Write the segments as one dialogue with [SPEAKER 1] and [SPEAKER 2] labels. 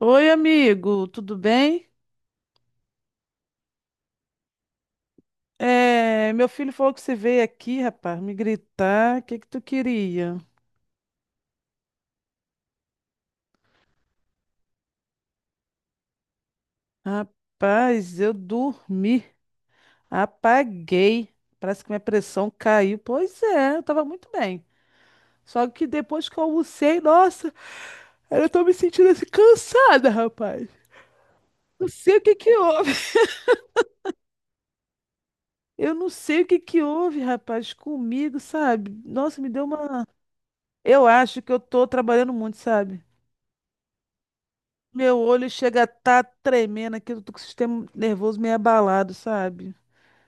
[SPEAKER 1] Oi, amigo, tudo bem? É, meu filho falou que você veio aqui, rapaz, me gritar. O que que tu queria? Rapaz, eu dormi, apaguei. Parece que minha pressão caiu. Pois é, eu tava muito bem. Só que depois que eu almocei, nossa, eu tô me sentindo assim cansada, rapaz. Não sei o que que houve. Eu não sei o que que houve, rapaz, comigo, sabe? Nossa, me deu uma. Eu acho que eu tô trabalhando muito, sabe? Meu olho chega a tá tremendo aqui, eu tô com o sistema nervoso meio abalado, sabe?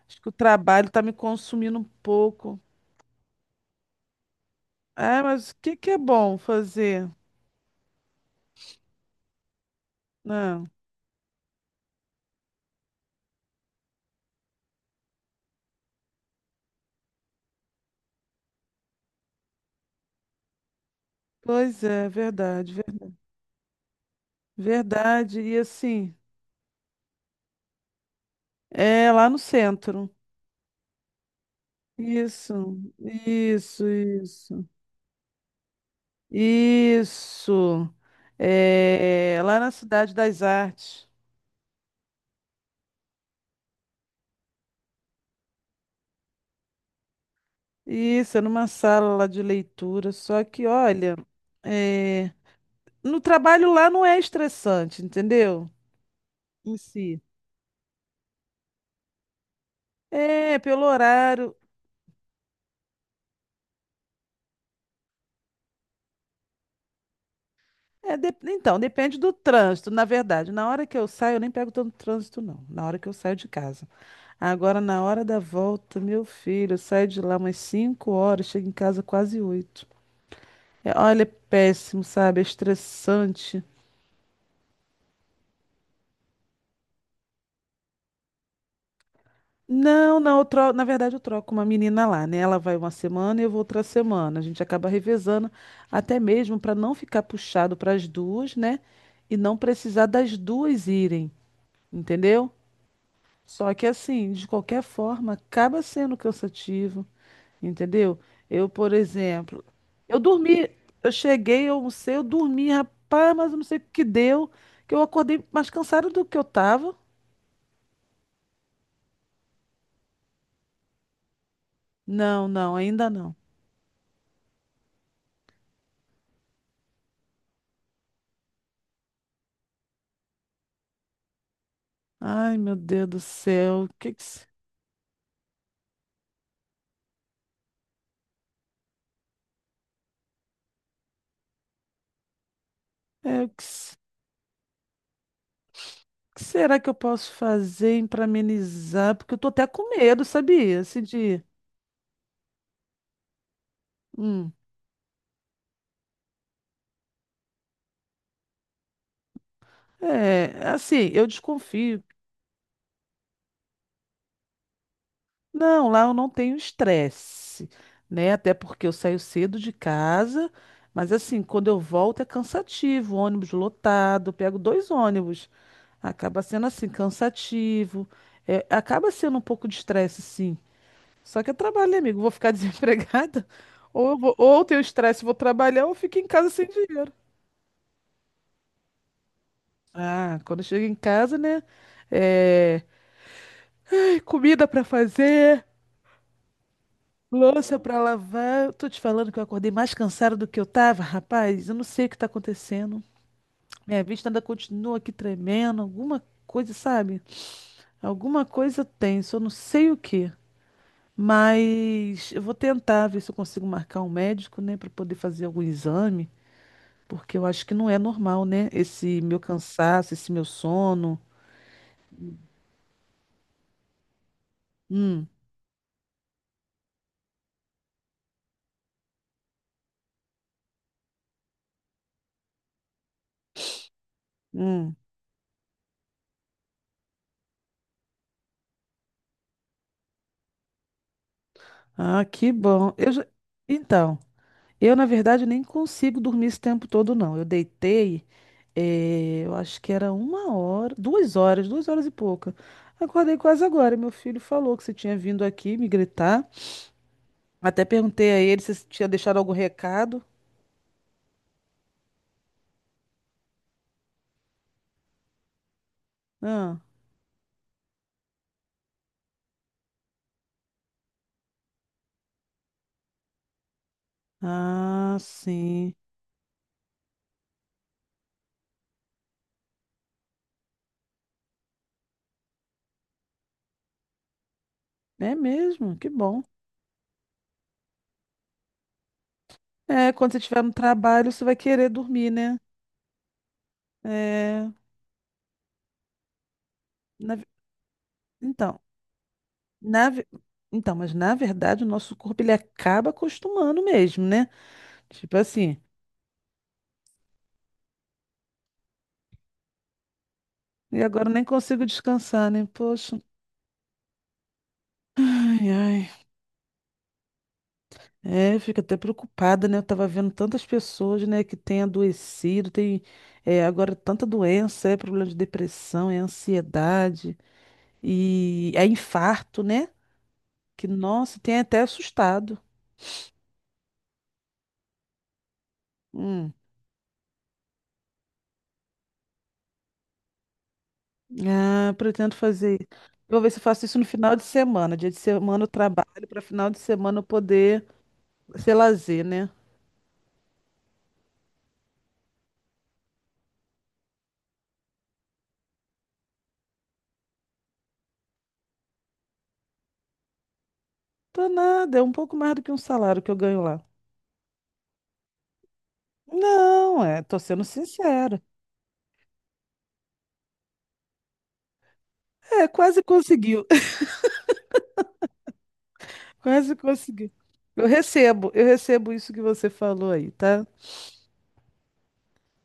[SPEAKER 1] Acho que o trabalho tá me consumindo um pouco. É, mas o que que é bom fazer? Não. Pois é, verdade, verdade. E assim, é lá no centro. Isso, isso, isso. Isso. É, lá na Cidade das Artes. Isso, é numa sala lá de leitura. Só que, olha, é. No trabalho lá não é estressante, entendeu? Em si. É, pelo horário. Então, depende do trânsito, na verdade. Na hora que eu saio, eu nem pego tanto trânsito, não. Na hora que eu saio de casa. Agora, na hora da volta, meu filho, eu saio de lá umas 5 horas, chego em casa quase oito. É, olha, é péssimo, sabe? É estressante. Não, não, na verdade eu troco uma menina lá, né? Ela vai uma semana e eu vou outra semana. A gente acaba revezando, até mesmo para não ficar puxado para as duas, né? E não precisar das duas irem, entendeu? Só que assim, de qualquer forma, acaba sendo cansativo, entendeu? Eu, por exemplo, eu dormi, eu cheguei, eu almocei, eu dormi, rapaz, mas eu não sei o que deu, que eu acordei mais cansado do que eu tava. Não, não, ainda não. Ai, meu Deus do céu. O que, que, se- é, o que, se- O que será que eu posso fazer para amenizar? Porque eu tô até com medo, sabia? Assim, de. Hum. É, assim, eu desconfio. Não, lá eu não tenho estresse, né? Até porque eu saio cedo de casa, mas assim, quando eu volto é cansativo, ônibus lotado, eu pego dois ônibus, acaba sendo assim, cansativo. É, acaba sendo um pouco de estresse, sim. Só que é trabalho, né, amigo. Vou ficar desempregada, ou eu vou, ou eu tenho estresse, vou trabalhar, ou fico em casa sem dinheiro. Ah, quando eu chego em casa, né? É... Comida pra fazer, louça pra lavar. Eu tô te falando que eu acordei mais cansada do que eu tava, rapaz. Eu não sei o que tá acontecendo. Minha vista ainda continua aqui tremendo. Alguma coisa, sabe? Alguma coisa tem, só não sei o que. Mas eu vou tentar ver se eu consigo marcar um médico, né, pra poder fazer algum exame. Porque eu acho que não é normal, né? Esse meu cansaço, esse meu sono. Hum, hum. Ah, que bom. Então, eu na verdade nem consigo dormir esse tempo todo, não. Eu deitei, eu acho que era 1 hora, 2 horas, 2 horas e pouca. Acordei quase agora. Meu filho falou que você tinha vindo aqui me gritar. Até perguntei a ele se tinha deixado algum recado. Ah, ah, sim. É mesmo? Que bom. É, quando você estiver no trabalho, você vai querer dormir, né? É, na ve- então, na, ve- então, mas na verdade o nosso corpo ele acaba acostumando mesmo, né? Tipo assim, e agora eu nem consigo descansar, né? Poxa, ai, ai. É, eu fico até preocupada, né? Eu tava vendo tantas pessoas, né, que têm adoecido, tem é, agora tanta doença, é problema de depressão, é ansiedade, e é infarto, né? Que, nossa, tem até assustado. Hum. Ah, pretendo fazer. Eu vou ver se eu faço isso no final de semana. Dia de semana eu trabalho, para final de semana eu poder ser lazer, né? Tô nada, é um pouco mais do que um salário que eu ganho lá. Não, é, tô sendo sincera. É, quase conseguiu. Quase conseguiu. Eu recebo isso que você falou aí, tá?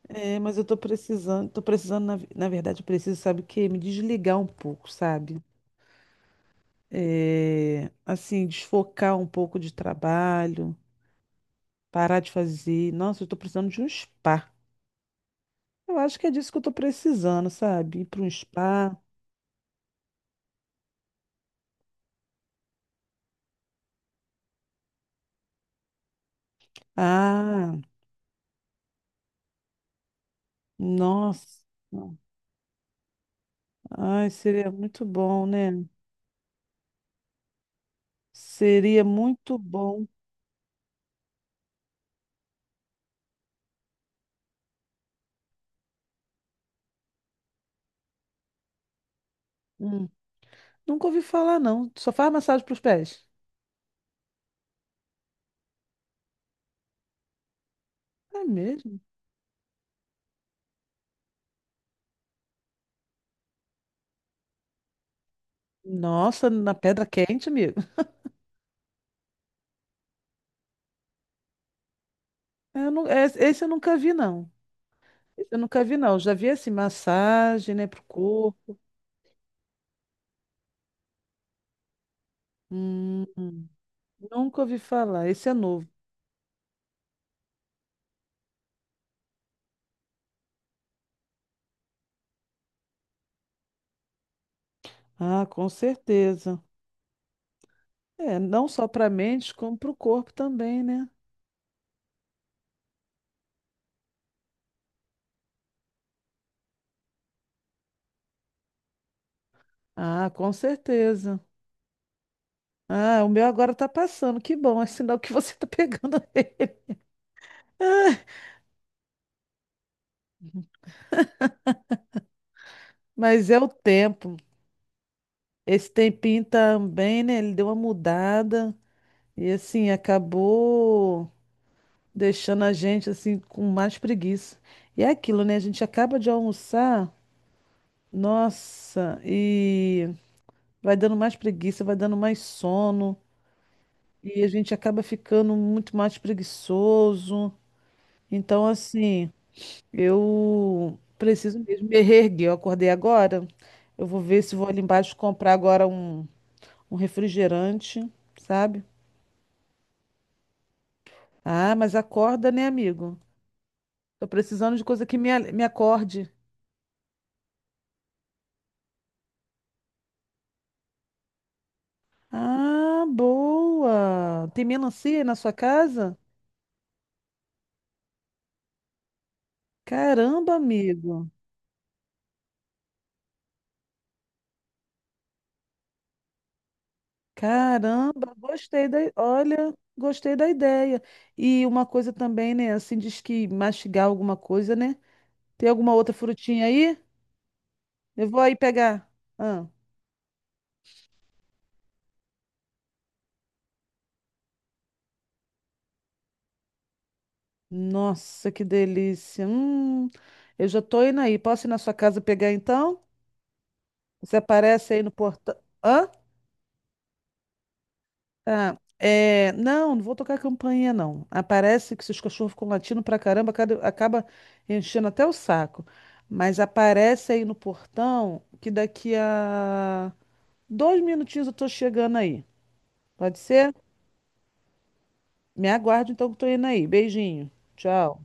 [SPEAKER 1] É, mas eu tô precisando, na, na verdade, eu preciso, sabe o quê? Me desligar um pouco, sabe? É, assim, desfocar um pouco de trabalho. Parar de fazer. Nossa, eu tô precisando de um spa. Eu acho que é disso que eu tô precisando, sabe? Ir para um spa. Ah, nossa. Ai, seria muito bom, né? Seria muito bom. Hum. Nunca ouvi falar, não. Só faz massagem pros pés. É mesmo? Nossa, na pedra quente, amigo. Eu não, es- Esse eu nunca vi, não. Esse eu nunca vi, não. Já vi assim, massagem, né, pro corpo. Hum, hum. Nunca ouvi falar. Esse é novo. Ah, com certeza. É, não só para a mente, como para o corpo também, né? Ah, com certeza. Ah, o meu agora tá passando. Que bom, é sinal que você tá pegando. Ah, mas é o tempo. Esse tempinho também, né? Ele deu uma mudada e assim acabou deixando a gente assim com mais preguiça. E é aquilo, né? A gente acaba de almoçar, nossa, e vai dando mais preguiça, vai dando mais sono e a gente acaba ficando muito mais preguiçoso. Então, assim, eu preciso mesmo me reerguer. Eu acordei agora. Eu vou ver se vou ali embaixo comprar agora um refrigerante, sabe? Ah, mas acorda, né, amigo? Tô precisando de coisa que me acorde. Ah, boa! Tem melancia aí na sua casa? Caramba, amigo! Caramba, gostei da ideia. E uma coisa também, né? Assim, diz que mastigar alguma coisa, né? Tem alguma outra frutinha aí? Eu vou aí pegar. Ah, nossa, que delícia. Eu já tô indo aí. Posso ir na sua casa pegar então? Você aparece aí no portão. Hã? Ah, é, não, não vou tocar campainha, não. Aparece que se os cachorros ficam latindo pra caramba, acaba enchendo até o saco. Mas aparece aí no portão que daqui a 2 minutinhos eu tô chegando aí. Pode ser? Me aguarde então que eu tô indo aí. Beijinho. Tchau.